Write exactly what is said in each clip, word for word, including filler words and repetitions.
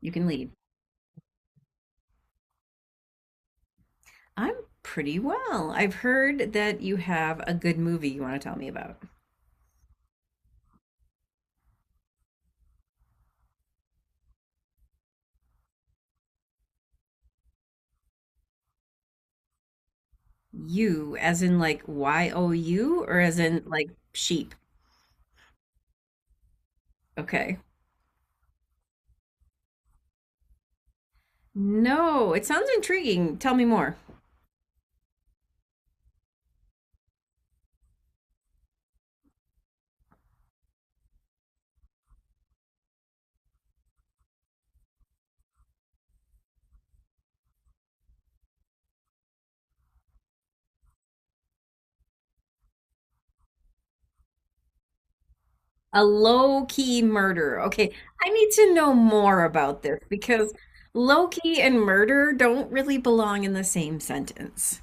You can lead. I'm pretty well. I've heard that you have a good movie you want to tell me about. You, as in like Y O U, or as in like sheep? Okay. No, it sounds intriguing. Tell me more. A low key murder. Okay, I need to know more about this because low key and murder don't really belong in the same sentence.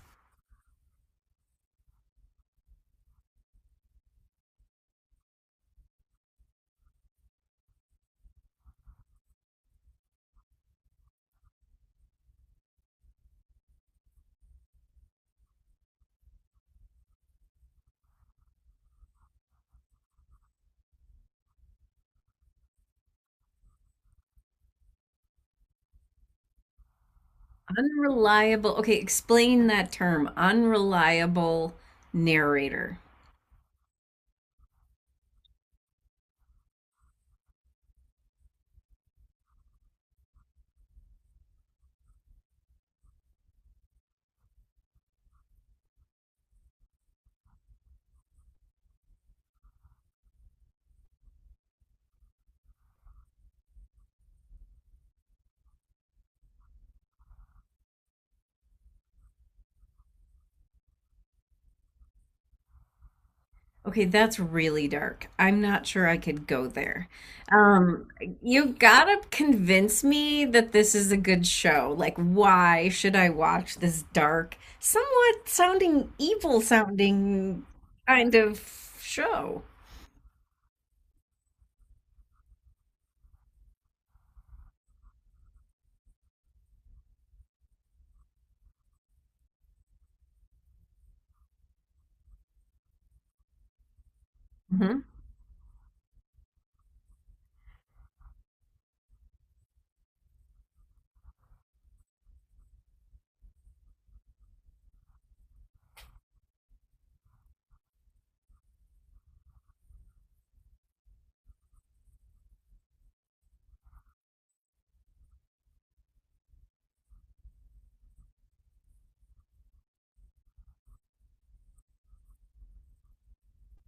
Unreliable. Okay, explain that term. Unreliable narrator. Okay, that's really dark. I'm not sure I could go there. Um, you gotta convince me that this is a good show. Like, why should I watch this dark, somewhat sounding evil sounding kind of show? Mhm.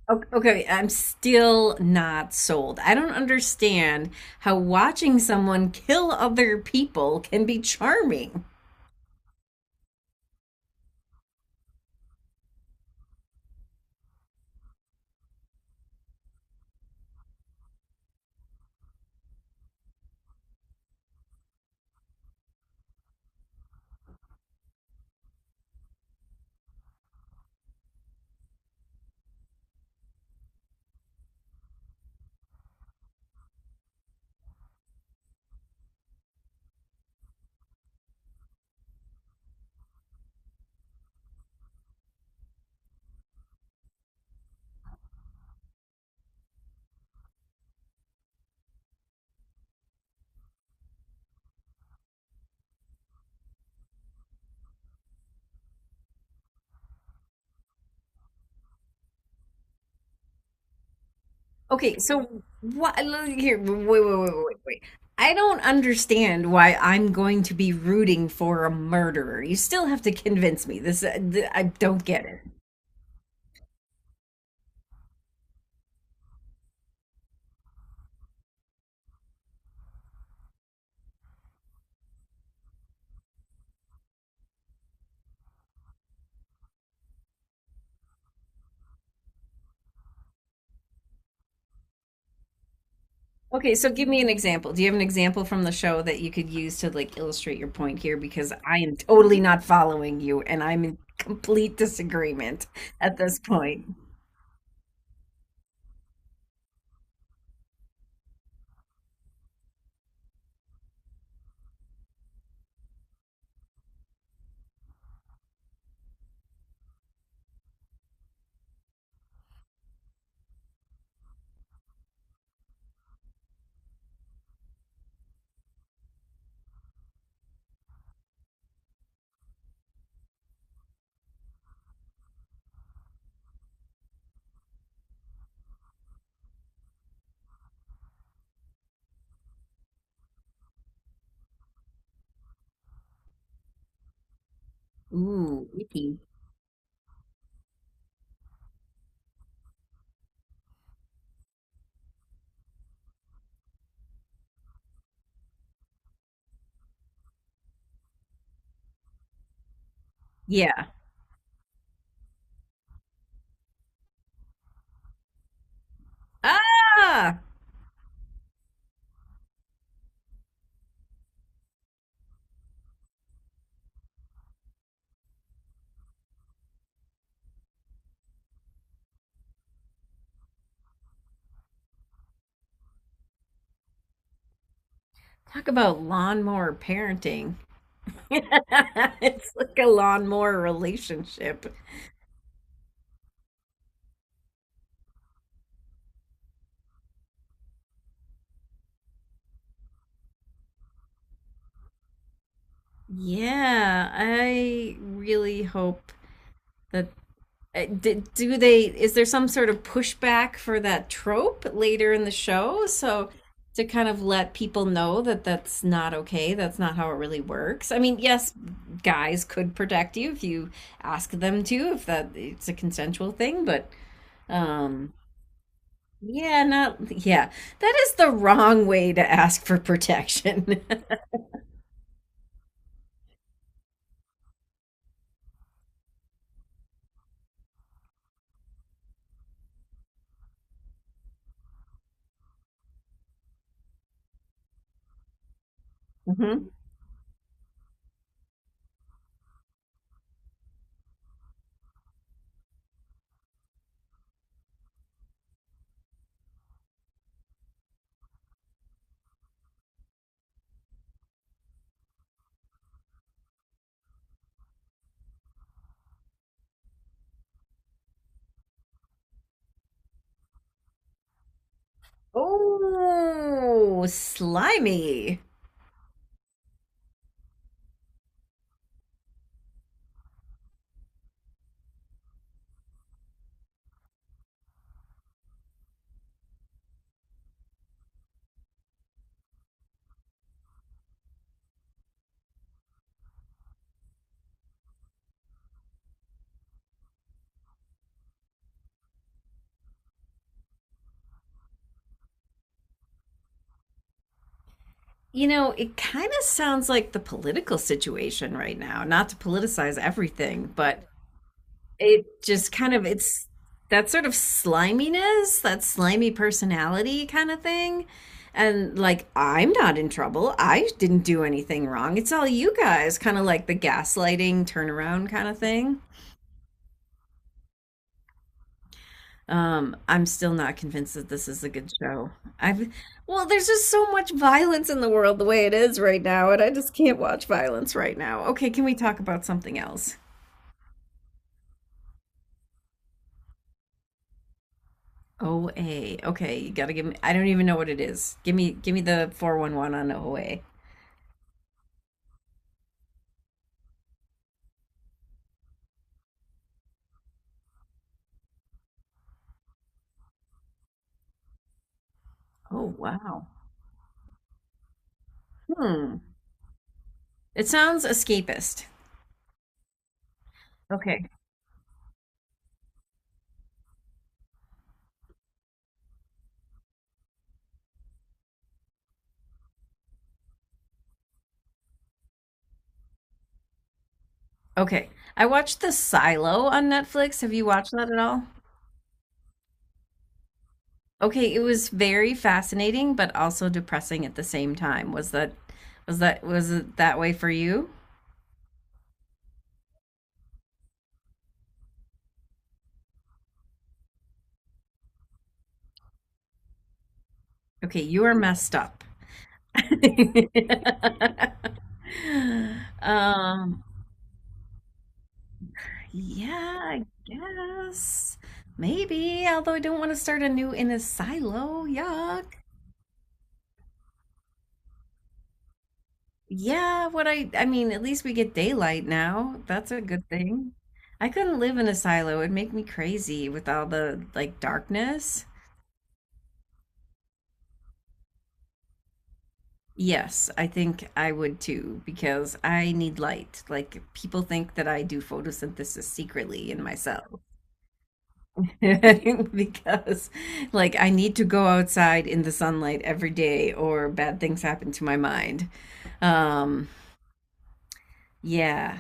O- Okay, I'm still not sold. I don't understand how watching someone kill other people can be charming. Okay, so what? Here, wait, wait, wait, wait, wait. I don't understand why I'm going to be rooting for a murderer. You still have to convince me. This, uh, th- I don't get it. Okay, so give me an example. Do you have an example from the show that you could use to like illustrate your point here? Because I am totally not following you and I'm in complete disagreement at this point. Ooh, icky. Yeah. Ah! Talk about lawnmower parenting. It's like a lawnmower relationship. Yeah, I really hope that Uh, do they? Is there some sort of pushback for that trope later in the show? So to kind of let people know that that's not okay. That's not how it really works. I mean, yes, guys could protect you if you ask them to, if that it's a consensual thing. But um, yeah, not yeah. That is the wrong way to ask for protection. Mhm. Oh, slimy. You know, it kind of sounds like the political situation right now, not to politicize everything, but it just kind of it's that sort of sliminess, that slimy personality kind of thing. And like, I'm not in trouble. I didn't do anything wrong. It's all you guys, kind of like the gaslighting turnaround kind of thing. Um, I'm still not convinced that this is a good show. I've, well, there's just so much violence in the world the way it is right now, and I just can't watch violence right now. Okay, can we talk about something else? O A. Okay, you gotta give me, I don't even know what it is. Give me, give me the four one one on O A. Oh, wow. Hmm. It sounds escapist. Okay. Okay. I watched The Silo on Netflix. Have you watched that at all? Okay, it was very fascinating, but also depressing at the same time. Was that was that was it that way for you? Okay, you are messed up. um, yeah, I guess maybe. Although I don't want to start anew in a silo. Yuck. Yeah, what I I mean, at least we get daylight now. That's a good thing. I couldn't live in a silo. It'd make me crazy with all the like darkness. Yes, I think I would too, because I need light. Like people think that I do photosynthesis secretly in myself. Because like I need to go outside in the sunlight every day or bad things happen to my mind. Um, yeah.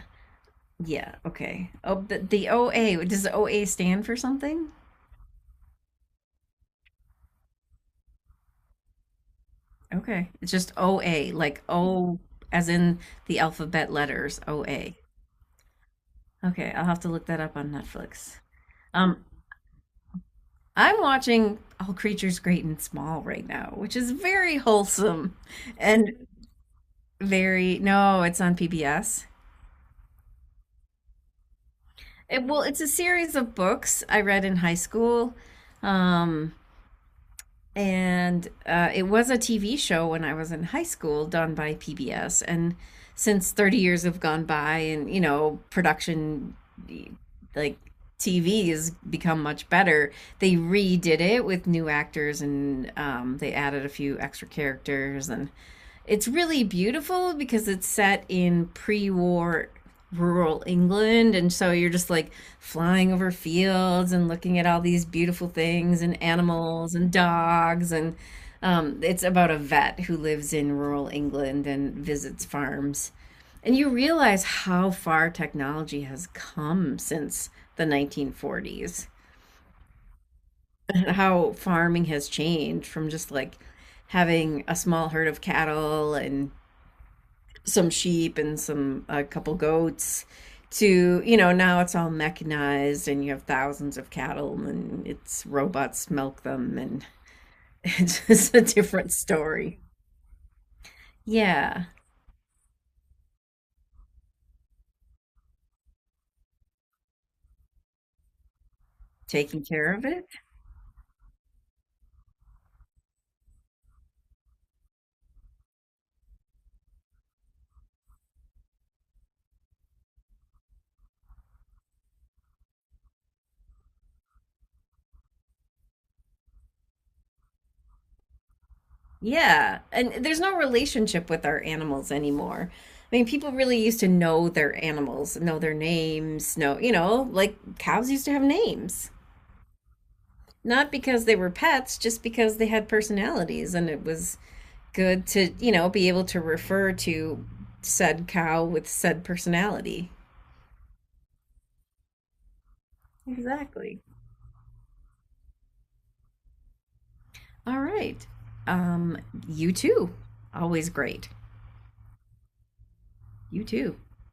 Yeah, okay. Oh, but the O A, does O A stand for something? Okay. It's just O A, like O as in the alphabet letters, O A. Okay, I'll have to look that up on Netflix. Um, I'm watching All Creatures Great and Small right now, which is very wholesome and very, no, it's on P B S. It, well, it's a series of books I read in high school. Um, and uh, It was a T V show when I was in high school, done by P B S. And since thirty years have gone by, and you know, production like T V has become much better. They redid it with new actors, and um, they added a few extra characters, and it's really beautiful because it's set in pre war rural England. And so you're just like flying over fields and looking at all these beautiful things and animals and dogs. And um, it's about a vet who lives in rural England and visits farms. And you realize how far technology has come since the nineteen forties and how farming has changed from just like having a small herd of cattle and some sheep and some a couple goats to you know now it's all mechanized and you have thousands of cattle and it's robots milk them and it's just a different story yeah taking care of it yeah and there's no relationship with our animals anymore. I mean people really used to know their animals, know their names, know you know like cows used to have names not because they were pets just because they had personalities and it was good to, you know, be able to refer to said cow with said personality. Exactly. All right. Um, you too. Always great. You too.